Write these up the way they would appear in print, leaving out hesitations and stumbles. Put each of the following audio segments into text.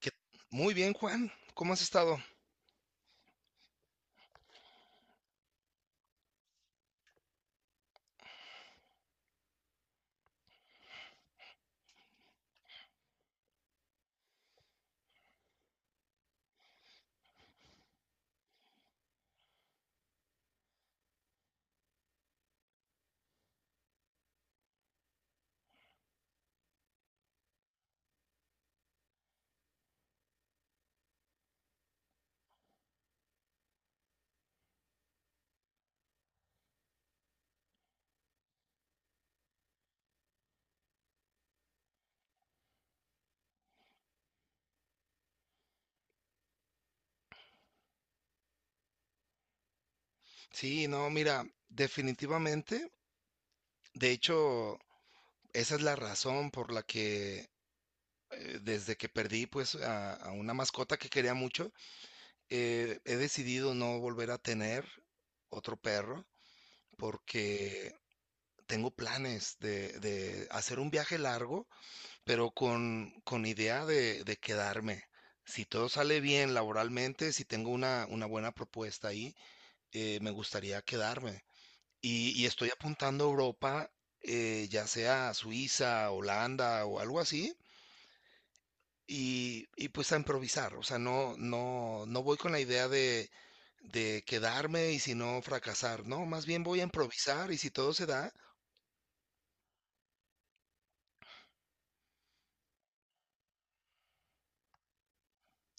Que- Muy bien, Juan. ¿Cómo has estado? Sí, no, mira, definitivamente. De hecho, esa es la razón por la que desde que perdí pues a una mascota que quería mucho, he decidido no volver a tener otro perro porque tengo planes de hacer un viaje largo, pero con idea de quedarme. Si todo sale bien laboralmente, si tengo una buena propuesta ahí, me gustaría quedarme. Y estoy apuntando a Europa, ya sea Suiza, Holanda o algo así, y pues a improvisar. O sea, no, no, no voy con la idea de quedarme y si no fracasar. No, más bien voy a improvisar y si todo se da,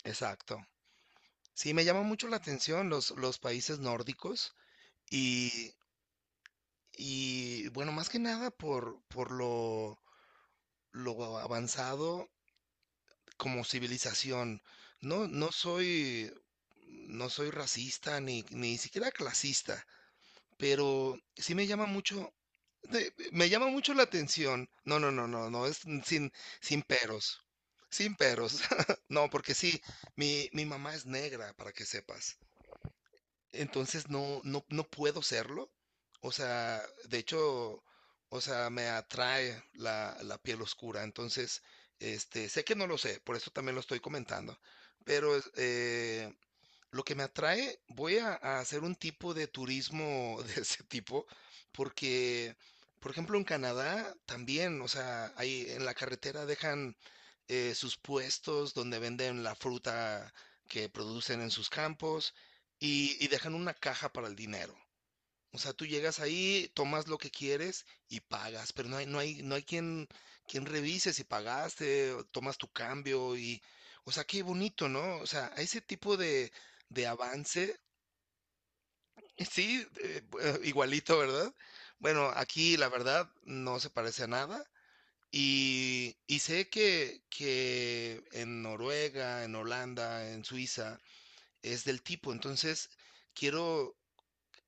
exacto. Sí, me llama mucho la atención los países nórdicos y, y bueno, más que nada por lo avanzado como civilización. No, no soy, no soy racista ni siquiera clasista, pero sí me llama mucho, me llama mucho la atención. No, no, no, no, no, es sin, sin peros, sin peros. No, porque sí, mi mamá es negra, para que sepas. Entonces no, no, no puedo serlo. O sea, de hecho, o sea, me atrae la piel oscura. Entonces, sé que no lo sé, por eso también lo estoy comentando. Pero es- eh, lo que me atrae, voy a hacer un tipo de turismo de ese tipo, porque, por ejemplo, en Canadá también, o sea, ahí en la carretera dejan sus puestos donde venden la fruta que producen en sus campos y dejan una caja para el dinero. O sea, tú llegas ahí, tomas lo que quieres y pagas, pero no hay quien revise si pagaste, o tomas tu cambio y, o sea, qué bonito, ¿no? O sea, a ese tipo de avance. Sí, igualito, ¿verdad? Bueno, aquí la verdad no se parece a nada y sé que en Noruega, en Holanda, en Suiza es del tipo, entonces quiero,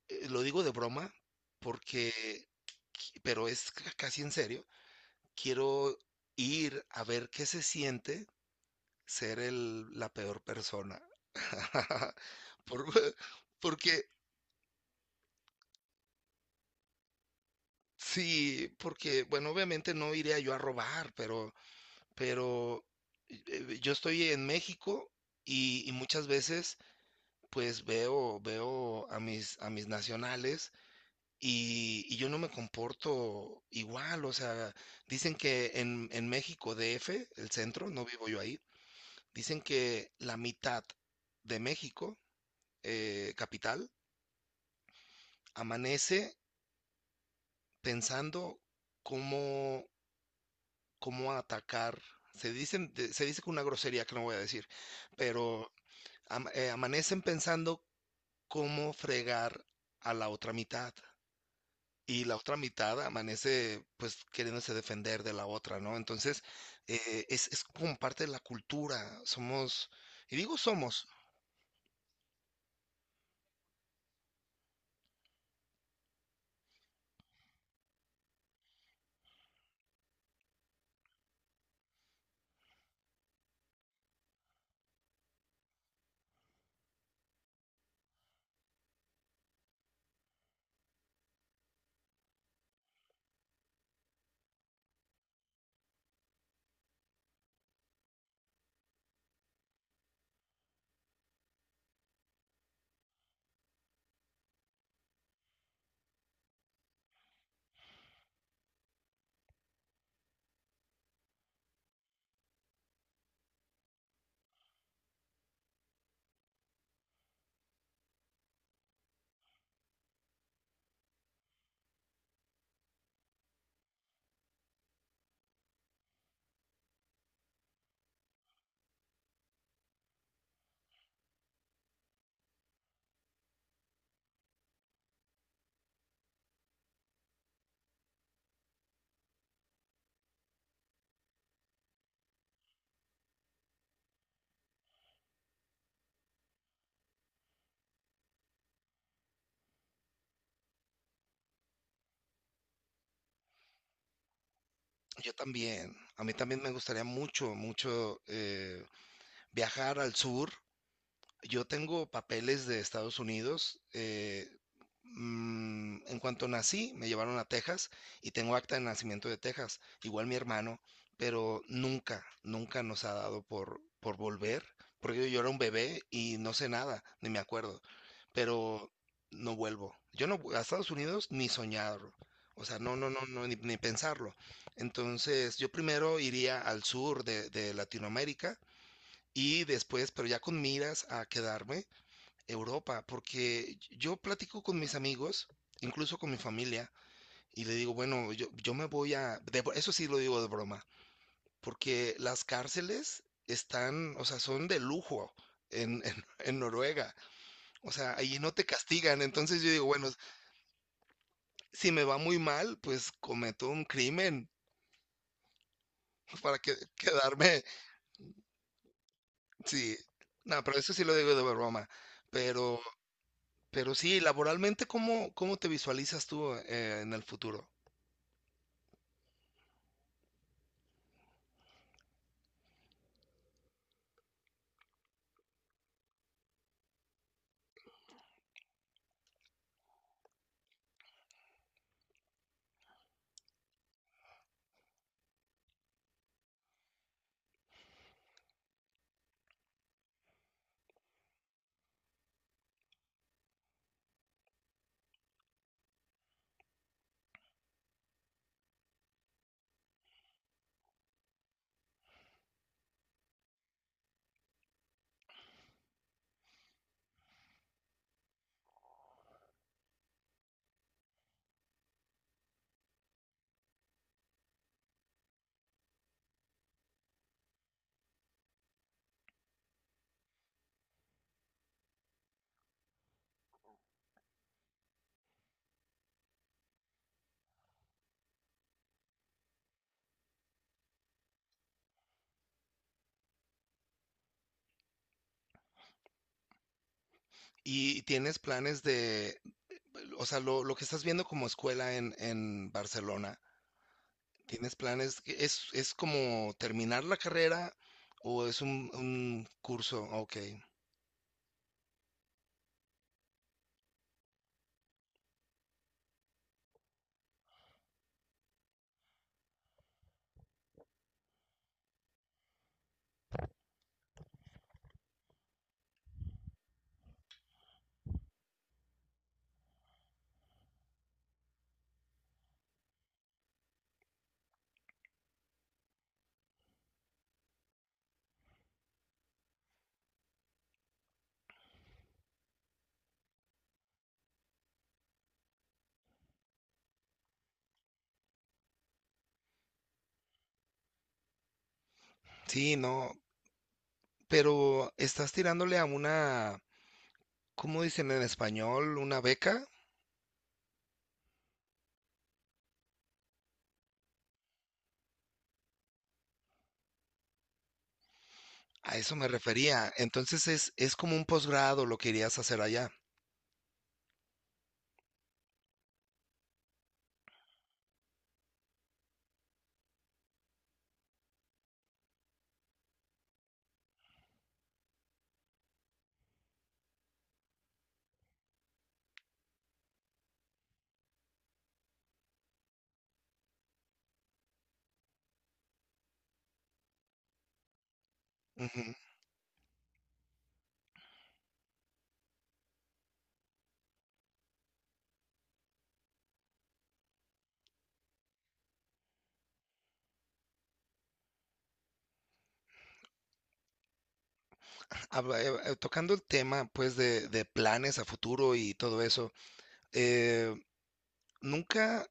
lo digo de broma porque, pero es casi en serio, quiero ir a ver qué se siente ser la peor persona. Por- Porque, sí, porque, bueno, obviamente no iría yo a robar, pero yo estoy en México y muchas veces pues veo a mis nacionales. Y yo no me comporto igual, o sea, dicen que en México DF, el centro, no vivo yo ahí, dicen que la mitad de México, capital, amanece pensando cómo, cómo atacar. Se dice con una grosería que no voy a decir, pero amanecen pensando cómo fregar a la otra mitad. Y la otra mitad amanece pues queriéndose defender de la otra, ¿no? Entonces, es como parte de la cultura, somos, y digo somos, yo también, a mí también me gustaría mucho, mucho, viajar al sur. Yo tengo papeles de Estados Unidos. En cuanto nací, me llevaron a Texas y tengo acta de nacimiento de Texas, igual mi hermano, pero nunca, nunca nos ha dado por volver, porque yo era un bebé y no sé nada, ni me acuerdo, pero no vuelvo. Yo no, vu- A Estados Unidos ni soñarlo. O sea, no, no, no, no, ni, ni pensarlo. Entonces, yo primero iría al sur de Latinoamérica y después, pero ya con miras a quedarme, Europa, porque yo platico con mis amigos, incluso con mi familia, y le digo, bueno, yo me voy a... eso sí lo digo de broma, porque las cárceles están, o sea, son de lujo en Noruega, o sea, ahí no te castigan, entonces yo digo, bueno, si me va muy mal, pues cometo un crimen para que, quedarme, sí, no, pero eso sí lo digo de broma, pero... Pero sí, laboralmente, ¿cómo, cómo te visualizas tú, en el futuro? ¿Y tienes planes de, o sea, lo que estás viendo como escuela en Barcelona, ¿tienes planes? Es como terminar la carrera o es un curso? Ok. Sí, no, pero estás tirándole a una, ¿cómo dicen en español? ¿Una beca? A eso me refería. Entonces es como un posgrado lo que irías a hacer allá. Tocando el tema, pues, de planes a futuro y todo eso, eh, ¿nunca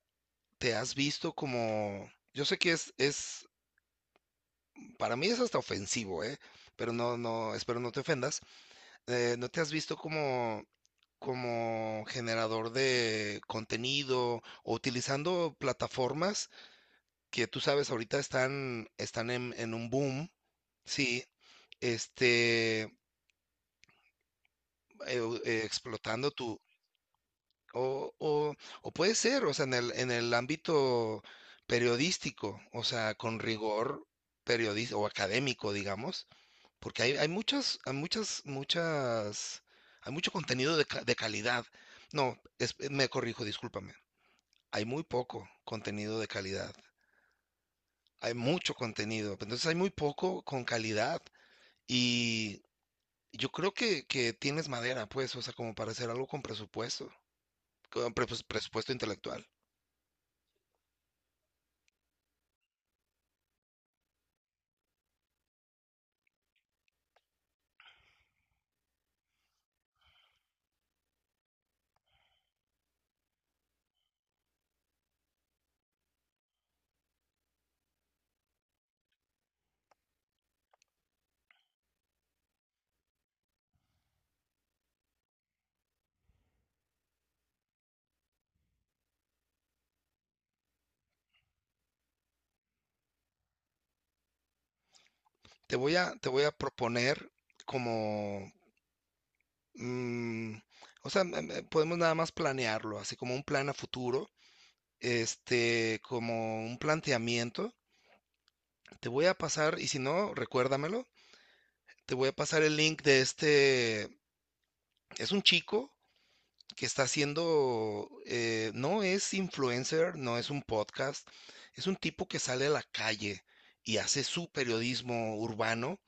te has visto como... Yo sé que es, para mí es hasta ofensivo, ¿eh? Pero no, no, espero no te ofendas. ¿No te has visto como, como generador de contenido o utilizando plataformas que tú sabes ahorita están, están en un boom? Sí, este, explotando tu, o, o puede ser, o sea, en el ámbito periodístico, o sea, con rigor periodístico o académico, digamos, porque hay mucho contenido de calidad. No, es- Me corrijo, discúlpame. Hay muy poco contenido de calidad. Hay mucho contenido, pero entonces hay muy poco con calidad. Y yo creo que tienes madera, pues, o sea, como para hacer algo con presupuesto, presupuesto intelectual. Te voy a proponer como, mm, o sea, podemos nada más planearlo, así como un plan a futuro, este, como un planteamiento. Te voy a pasar, y si no, recuérdamelo, te voy a pasar el link de este, es un chico que está haciendo, no es influencer, no es un podcast, es un tipo que sale a la calle y hace su periodismo urbano.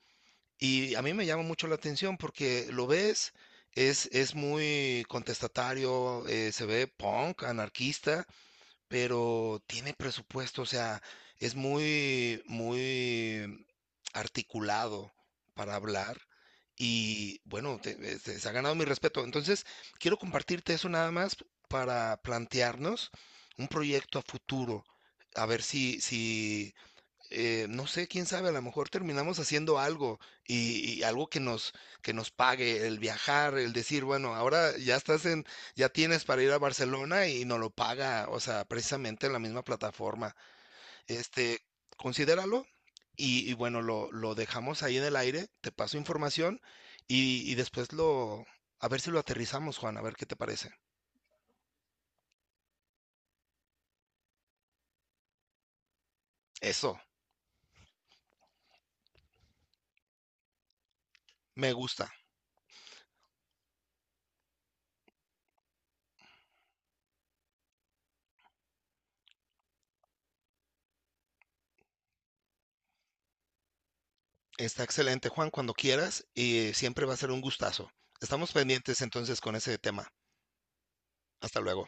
Y a mí me llama mucho la atención porque lo ves, es muy contestatario, se ve punk, anarquista, pero tiene presupuesto, o sea, es muy, muy articulado para hablar. Y bueno, se ha ganado mi respeto. Entonces, quiero compartirte eso nada más para plantearnos un proyecto a futuro. A ver si, si, no sé, quién sabe, a lo mejor terminamos haciendo algo y algo que nos pague, el viajar, el decir, bueno, ahora ya estás en, ya tienes para ir a Barcelona y nos lo paga, o sea, precisamente en la misma plataforma. Este, considéralo y bueno, lo dejamos ahí en el aire, te paso información y después lo, a ver si lo aterrizamos, Juan, a ver qué te parece. Eso, me gusta. Está excelente, Juan, cuando quieras y siempre va a ser un gustazo. Estamos pendientes entonces con ese tema. Hasta luego.